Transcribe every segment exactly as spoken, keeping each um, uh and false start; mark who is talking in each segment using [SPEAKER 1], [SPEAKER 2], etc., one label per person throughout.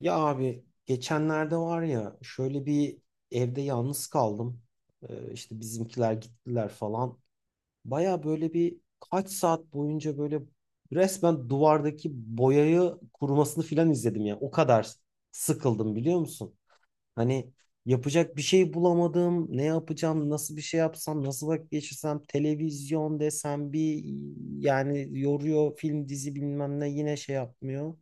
[SPEAKER 1] Ya abi geçenlerde var ya şöyle bir evde yalnız kaldım. Ee, işte bizimkiler gittiler falan. Baya böyle bir kaç saat boyunca böyle resmen duvardaki boyayı kurumasını filan izledim ya. O kadar sıkıldım biliyor musun? Hani yapacak bir şey bulamadım. Ne yapacağım? Nasıl bir şey yapsam? Nasıl vakit geçirsem? Televizyon desem bir yani yoruyor film dizi bilmem ne yine şey yapmıyor.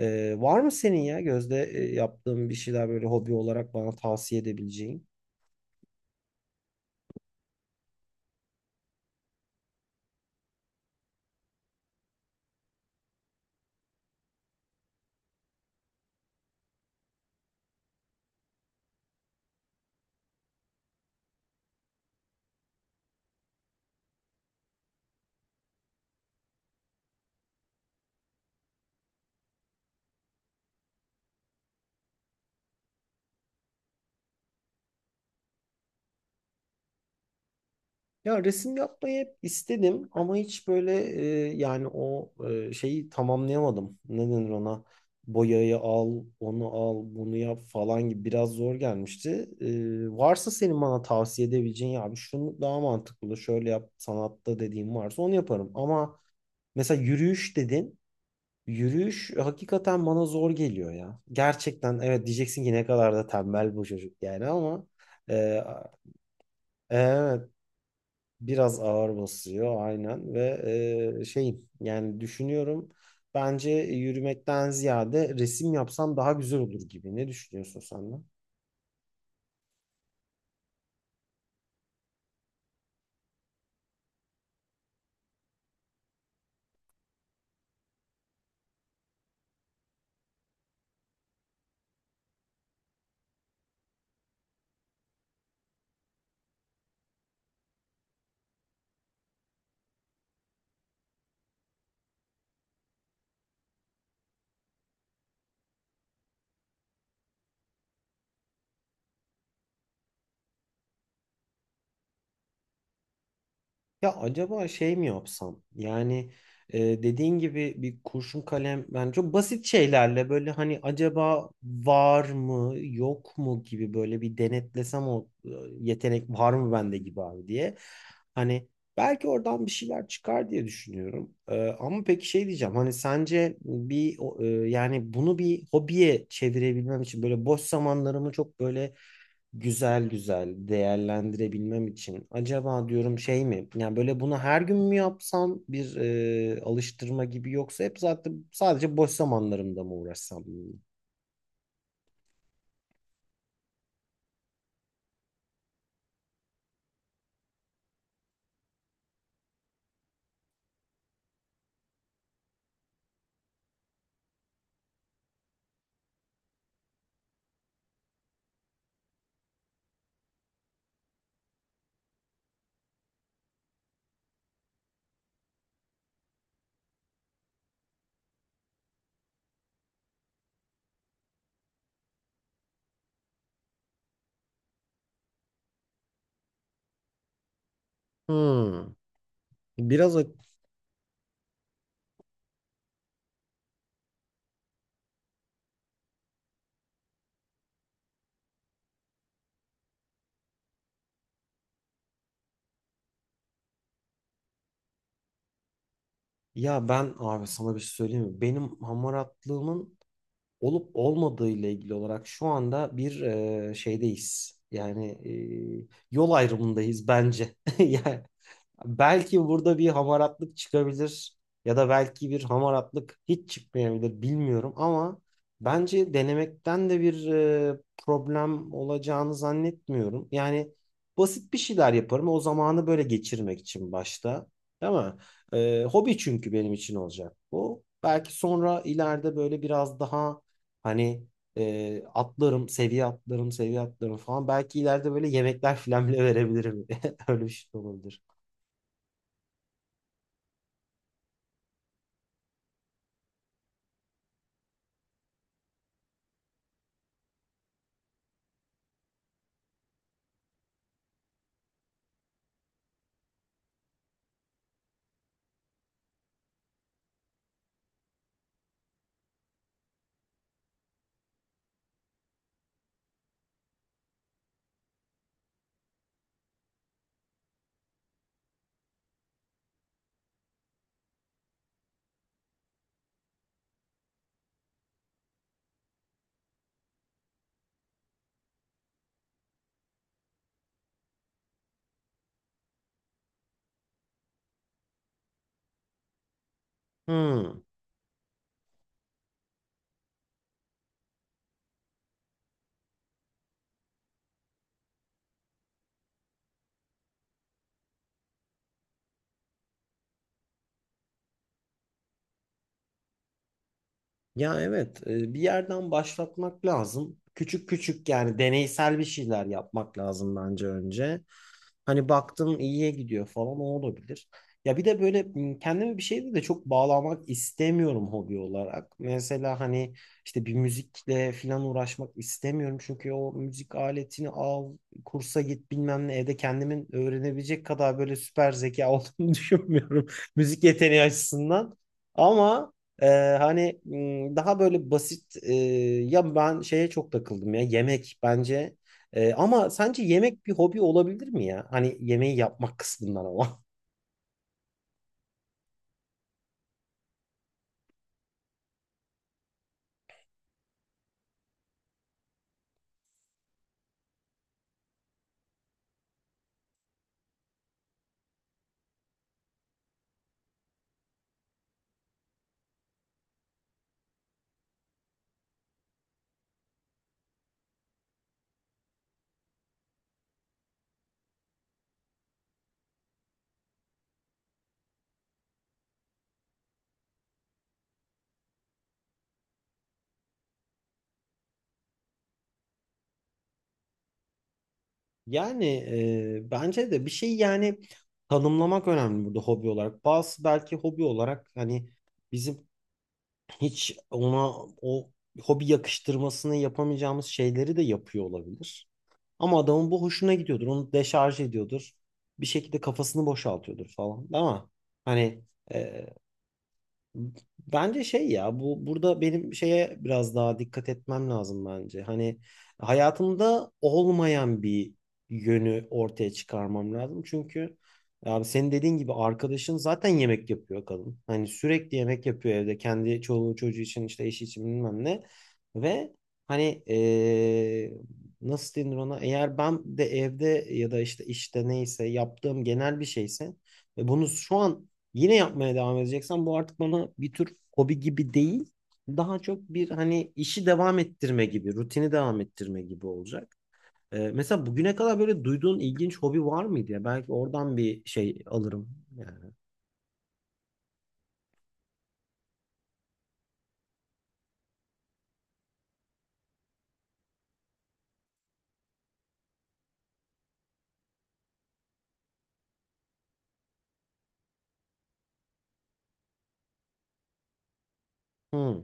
[SPEAKER 1] Ee, var mı senin ya Gözde e, yaptığın bir şeyler böyle hobi olarak bana tavsiye edebileceğin? Ya resim yapmayı hep istedim ama hiç böyle e, yani o e, şeyi tamamlayamadım. Ne denir ona? Boyayı al, onu al, bunu yap falan gibi biraz zor gelmişti. E, varsa senin bana tavsiye edebileceğin ya abi şunu daha mantıklı şöyle yap sanatta dediğim varsa onu yaparım. Ama mesela yürüyüş dedin. Yürüyüş hakikaten bana zor geliyor ya. Gerçekten evet diyeceksin ki ne kadar da tembel bu çocuk yani ama e, evet, biraz ağır basıyor aynen ve e, şeyim yani düşünüyorum bence yürümekten ziyade resim yapsam daha güzel olur gibi. Ne düşünüyorsun sen de? Ya acaba şey mi yapsam? Yani e, dediğin gibi bir kurşun kalem yani çok basit şeylerle böyle hani acaba var mı yok mu gibi böyle bir denetlesem o e, yetenek var mı bende gibi abi diye. Hani belki oradan bir şeyler çıkar diye düşünüyorum. E, ama peki şey diyeceğim hani sence bir o, e, yani bunu bir hobiye çevirebilmem için böyle boş zamanlarımı çok böyle güzel güzel değerlendirebilmem için acaba diyorum şey mi yani böyle bunu her gün mü yapsam bir e, alıştırma gibi yoksa hep zaten sadece boş zamanlarımda mı uğraşsam bununla? Hmm. Biraz ac- Ya ben abi sana bir şey söyleyeyim mi? Benim hamaratlığımın olup olmadığı ile ilgili olarak şu anda bir e, şeydeyiz. Yani e, yol ayrımındayız bence. Yani belki burada bir hamaratlık çıkabilir ya da belki bir hamaratlık hiç çıkmayabilir bilmiyorum ama bence denemekten de bir e, problem olacağını zannetmiyorum. Yani basit bir şeyler yaparım o zamanı böyle geçirmek için başta, değil mi? E, hobi çünkü benim için olacak bu. Belki sonra ileride böyle biraz daha hani e, atlarım, seviye atlarım, seviye atlarım falan. Belki ileride böyle yemekler falan bile verebilirim. Öyle bir şey de olabilir. Hmm. Ya evet, e, bir yerden başlatmak lazım. Küçük küçük yani deneysel bir şeyler yapmak lazım bence önce. Hani baktım iyiye gidiyor falan o olabilir. Ya bir de böyle m, kendimi bir şeyde de çok bağlamak istemiyorum hobi olarak. Mesela hani işte bir müzikle falan uğraşmak istemiyorum. Çünkü o müzik aletini al, kursa git bilmem ne evde kendimin öğrenebilecek kadar böyle süper zeka olduğunu düşünmüyorum. Müzik yeteneği açısından. Ama Ee, hani m, daha böyle basit e, ya ben şeye çok takıldım ya yemek bence Ee, ama sence yemek bir hobi olabilir mi ya? Hani yemeği yapmak kısmından ama. Yani e, bence de bir şey yani tanımlamak önemli burada hobi olarak. Bazı belki hobi olarak hani bizim hiç ona o hobi yakıştırmasını yapamayacağımız şeyleri de yapıyor olabilir. Ama adamın bu hoşuna gidiyordur. Onu deşarj ediyordur. Bir şekilde kafasını boşaltıyordur falan. Ama hani e, bence şey ya bu burada benim şeye biraz daha dikkat etmem lazım bence. Hani hayatımda olmayan bir yönü ortaya çıkarmam lazım. Çünkü abi senin dediğin gibi arkadaşın zaten yemek yapıyor kadın. Hani sürekli yemek yapıyor evde kendi çoluğu çocuğu için işte eşi için bilmem ne. Ve hani eee, nasıl denir ona eğer ben de evde ya da işte işte neyse yaptığım genel bir şeyse ve bunu şu an yine yapmaya devam edeceksen bu artık bana bir tür hobi gibi değil. Daha çok bir hani işi devam ettirme gibi, rutini devam ettirme gibi olacak. Ee, mesela bugüne kadar böyle duyduğun ilginç hobi var mıydı ya? Belki oradan bir şey alırım yani. Hmm.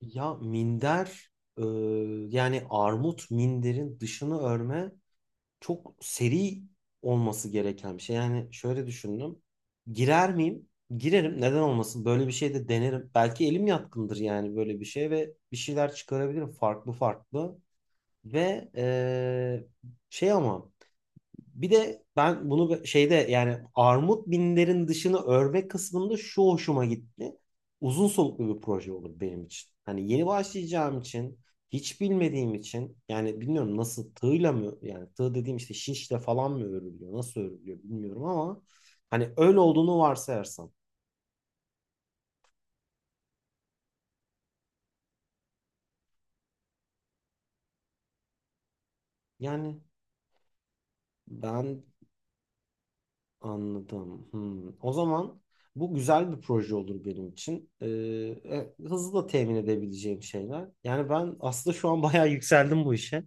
[SPEAKER 1] Ya minder, e, yani armut minderin dışını örme çok seri olması gereken bir şey. Yani şöyle düşündüm. Girer miyim? Girerim. Neden olmasın? Böyle bir şey de denerim. Belki elim yatkındır yani böyle bir şey ve bir şeyler çıkarabilirim farklı farklı. Ve eee, şey ama bir de ben bunu şeyde yani armut binlerin dışını örme kısmında şu hoşuma gitti. Uzun soluklu bir proje olur benim için. Hani yeni başlayacağım için, hiç bilmediğim için yani bilmiyorum nasıl tığla mı yani tığ dediğim işte şişle falan mı örülüyor, nasıl örülüyor bilmiyorum ama hani öyle olduğunu varsayarsam yani ben anladım. Hmm. O zaman bu güzel bir proje olur benim için. Ee, e, hızlı da temin edebileceğim şeyler. Yani ben aslında şu an bayağı yükseldim bu işe.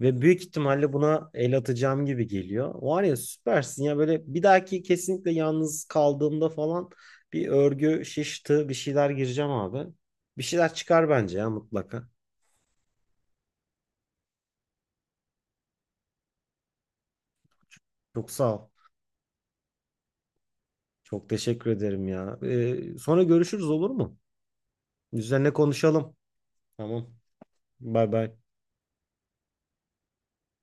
[SPEAKER 1] Ve büyük ihtimalle buna el atacağım gibi geliyor. Var ya süpersin ya böyle bir dahaki kesinlikle yalnız kaldığımda falan bir örgü, şiş, tığ bir şeyler gireceğim abi. Bir şeyler çıkar bence ya mutlaka. Çok sağ ol. Çok teşekkür ederim ya. Ee, sonra görüşürüz, olur mu? Üzerine konuşalım. Tamam. Bay bay.